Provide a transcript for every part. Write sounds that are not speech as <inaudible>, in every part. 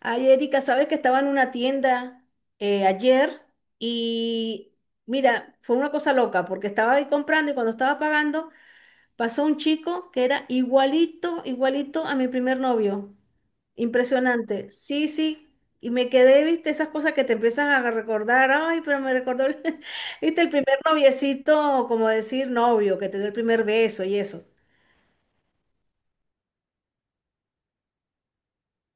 Ay, Erika, sabes que estaba en una tienda ayer y mira, fue una cosa loca porque estaba ahí comprando y cuando estaba pagando pasó un chico que era igualito, igualito a mi primer novio. Impresionante. Sí, sí. Y me quedé, viste, esas cosas que te empiezan a recordar. Ay, pero me recordó, <laughs> viste, el primer noviecito, como decir novio, que te dio el primer beso y eso.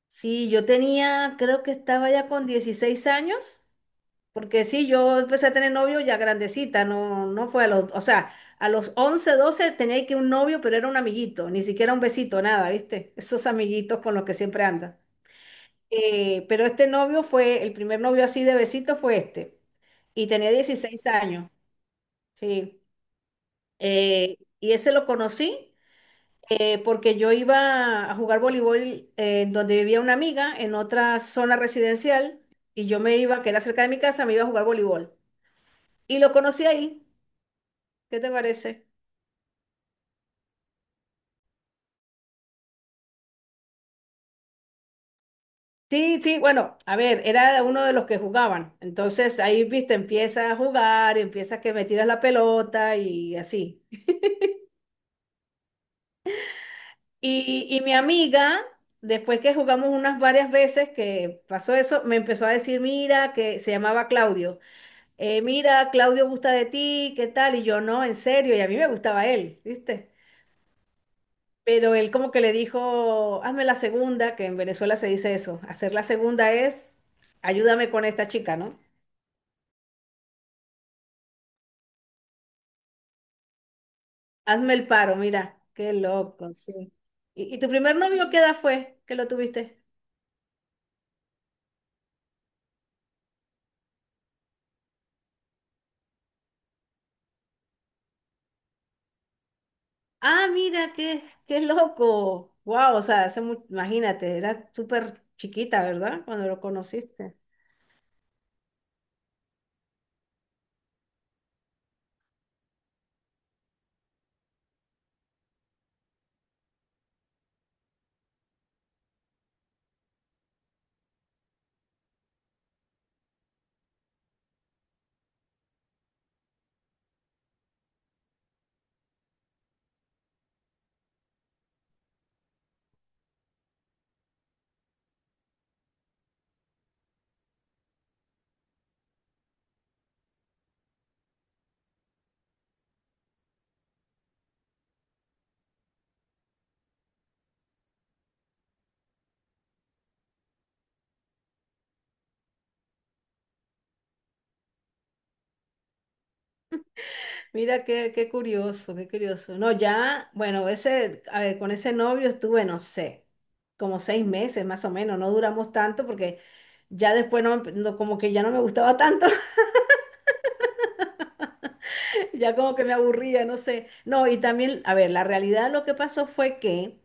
Sí, yo tenía, creo que estaba ya con 16 años. Porque sí, yo empecé a tener novio ya grandecita, no, no fue a los, o sea, a los 11, 12 tenía que un novio, pero era un amiguito, ni siquiera un besito, nada, ¿viste? Esos amiguitos con los que siempre andas. Pero este novio fue, el primer novio así de besito fue este, y tenía 16 años, sí. Y ese lo conocí porque yo iba a jugar voleibol en donde vivía una amiga, en otra zona residencial, y yo me iba, que era cerca de mi casa, me iba a jugar voleibol. Y lo conocí ahí. ¿Qué te parece? Sí, sí, bueno, a ver, era uno de los que jugaban. Entonces ahí, viste, empieza a jugar, empieza que me tiras la pelota y así. Y mi amiga, después que jugamos unas varias veces que pasó eso, me empezó a decir, mira, que se llamaba Claudio, mira, Claudio gusta de ti, ¿qué tal? Y yo, no, en serio, y a mí me gustaba él, ¿viste? Pero él como que le dijo, hazme la segunda, que en Venezuela se dice eso, hacer la segunda es, ayúdame con esta chica, ¿no? Hazme el paro, mira, qué loco, sí. ¿Y tu primer novio qué edad fue que lo tuviste? Ah, mira, qué, qué loco. Wow, o sea, hace imagínate, eras súper chiquita, ¿verdad? Cuando lo conociste. Mira, qué, qué curioso, qué curioso. No, ya, bueno, ese, a ver, con ese novio estuve, no sé, como 6 meses más o menos, no duramos tanto porque ya después como que ya no me gustaba tanto, <laughs> ya como que me aburría, no sé. No, y también, a ver, la realidad lo que pasó fue que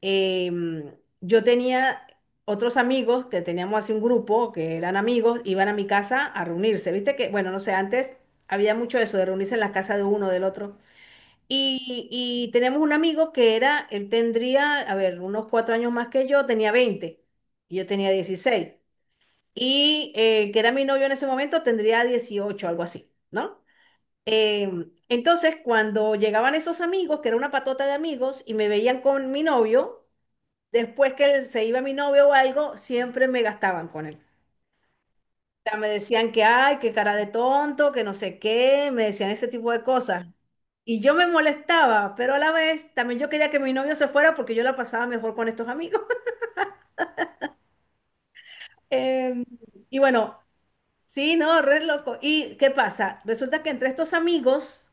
em, yo tenía otros amigos que teníamos así un grupo que eran amigos, iban a mi casa a reunirse. Viste que, bueno, no sé, antes había mucho eso de reunirse en la casa de uno del otro. Y teníamos un amigo que era, él tendría, a ver, unos 4 años más que yo, tenía 20 y yo tenía 16. Y que era mi novio en ese momento, tendría 18 algo así, ¿no? Entonces, cuando llegaban esos amigos, que era una patota de amigos, y me veían con mi novio, después que se iba mi novio o algo, siempre me gastaban con él. O sea, me decían que, ay, qué cara de tonto, que no sé qué, me decían ese tipo de cosas. Y yo me molestaba, pero a la vez también yo quería que mi novio se fuera porque yo la pasaba mejor con estos amigos. <laughs> Em, y bueno, sí, no, re loco. ¿Y qué pasa? Resulta que entre estos amigos,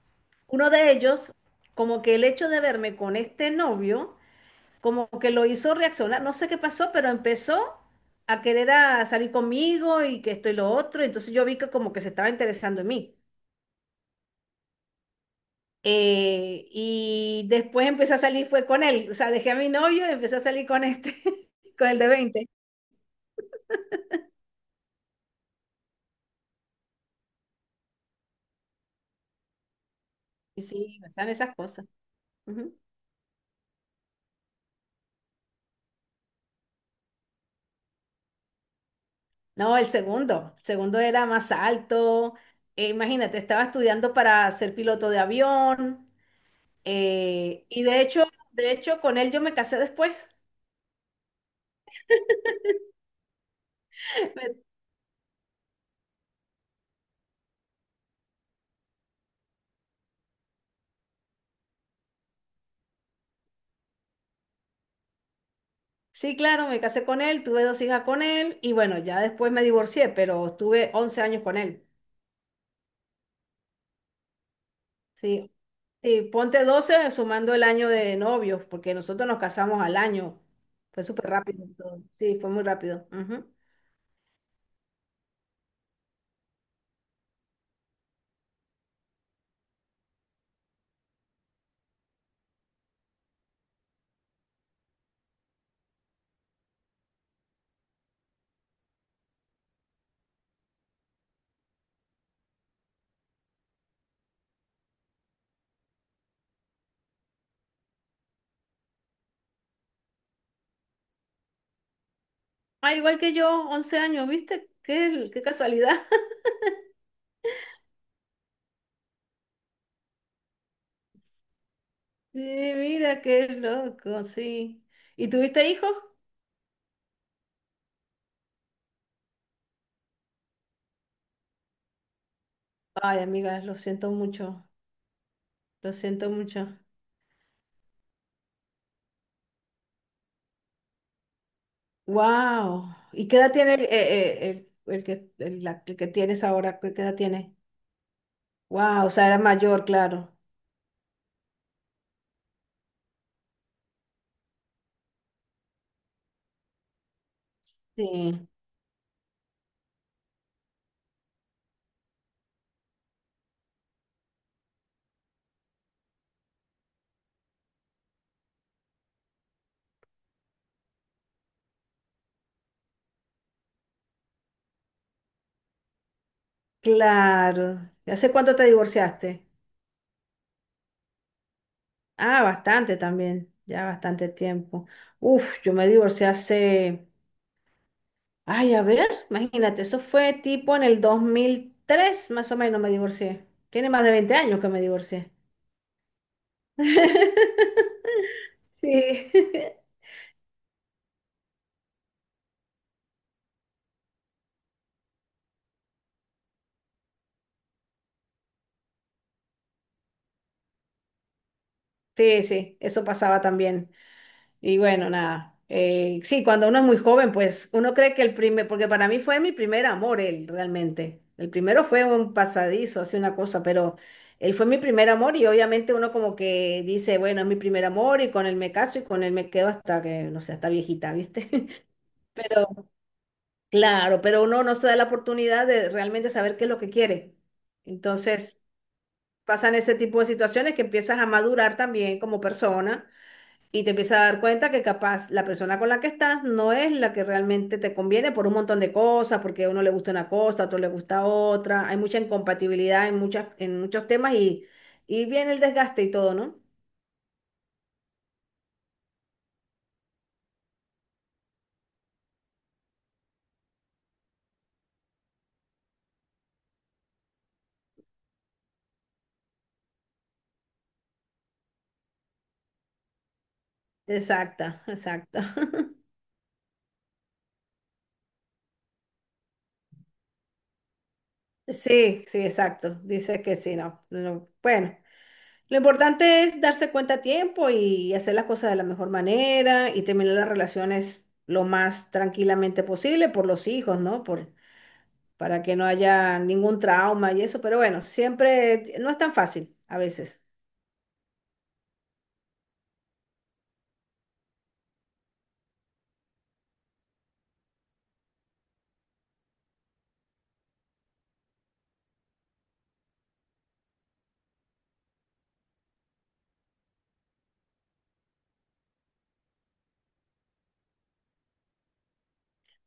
uno de ellos, como que el hecho de verme con este novio, como que lo hizo reaccionar, no sé qué pasó, pero empezó a querer a salir conmigo y que esto y lo otro, entonces yo vi que como que se estaba interesando en mí. Y después empecé a salir, fue con él, o sea, dejé a mi novio y empecé a salir con este, <laughs> con el de 20. Y sí, pasan esas cosas. Ujú. No, el segundo era más alto. Imagínate, estaba estudiando para ser piloto de avión, y de hecho, con él yo me casé después. <laughs> Sí, claro, me casé con él, tuve dos hijas con él y bueno, ya después me divorcié, pero estuve 11 años con él. Sí, sí, ponte 12 sumando el año de novios, porque nosotros nos casamos al año. Fue súper rápido, todo. Sí, fue muy rápido. Ujú. Ah, igual que yo, 11 años, ¿viste? Qué, qué casualidad. <laughs> Sí, mira, qué loco, sí. ¿Y tuviste hijos? Ay, amiga, lo siento mucho, lo siento mucho. Wow. ¿Y qué edad tiene el que tienes ahora? ¿Qué edad tiene? Wow, o sea, era mayor, claro. Sí, claro. ¿Y hace cuánto te divorciaste? Ah, bastante también, ya bastante tiempo. Uf, yo me divorcié hace, ay, a ver, imagínate, eso fue tipo en el 2003, más o menos me divorcié. Tiene más de 20 años que me divorcié. <laughs> Sí, <laughs> sí, sí, eso pasaba también. Y bueno, nada. Sí, cuando uno es muy joven, pues uno cree que el primer, porque para mí fue mi primer amor, él realmente. El primero fue un pasadizo, así una cosa, pero él fue mi primer amor y obviamente uno como que dice, bueno, es mi primer amor y con él me caso y con él me quedo hasta que, no sé, hasta viejita, ¿viste? <laughs> Pero claro, pero uno no se da la oportunidad de realmente saber qué es lo que quiere. Entonces pasan ese tipo de situaciones que empiezas a madurar también como persona y te empiezas a dar cuenta que capaz la persona con la que estás no es la que realmente te conviene por un montón de cosas, porque a uno le gusta una cosa, a otro le gusta otra. Hay mucha incompatibilidad en en muchos temas y viene el desgaste y todo, ¿no? Exacta, exacta. <laughs> Sí, sí, exacto. Dice que sí, no, no, no. Bueno, lo importante es darse cuenta a tiempo y hacer las cosas de la mejor manera y terminar las relaciones lo más tranquilamente posible por los hijos, ¿no? Para que no haya ningún trauma y eso, pero bueno, siempre no es tan fácil a veces.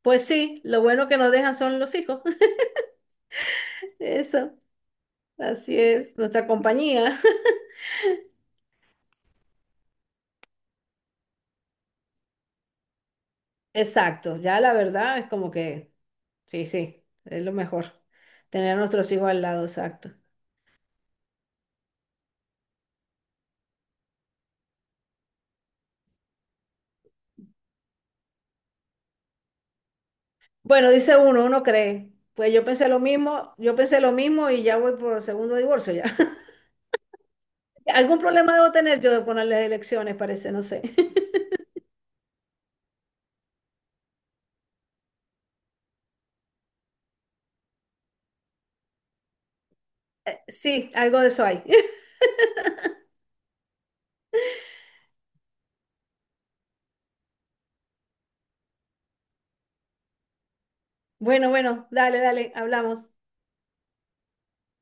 Pues sí, lo bueno que nos dejan son los hijos. <laughs> Eso, así es, nuestra compañía. <laughs> Exacto, ya la verdad es como que, sí, sí, es lo mejor, tener a nuestros hijos al lado, exacto. Bueno, dice uno, uno cree, pues yo pensé lo mismo, yo pensé lo mismo y ya voy por segundo divorcio ya. <laughs> Algún problema debo tener yo de poner las elecciones, parece, no sé. <laughs> Sí, algo de eso hay. <laughs> Bueno, bueno, dale, dale, hablamos.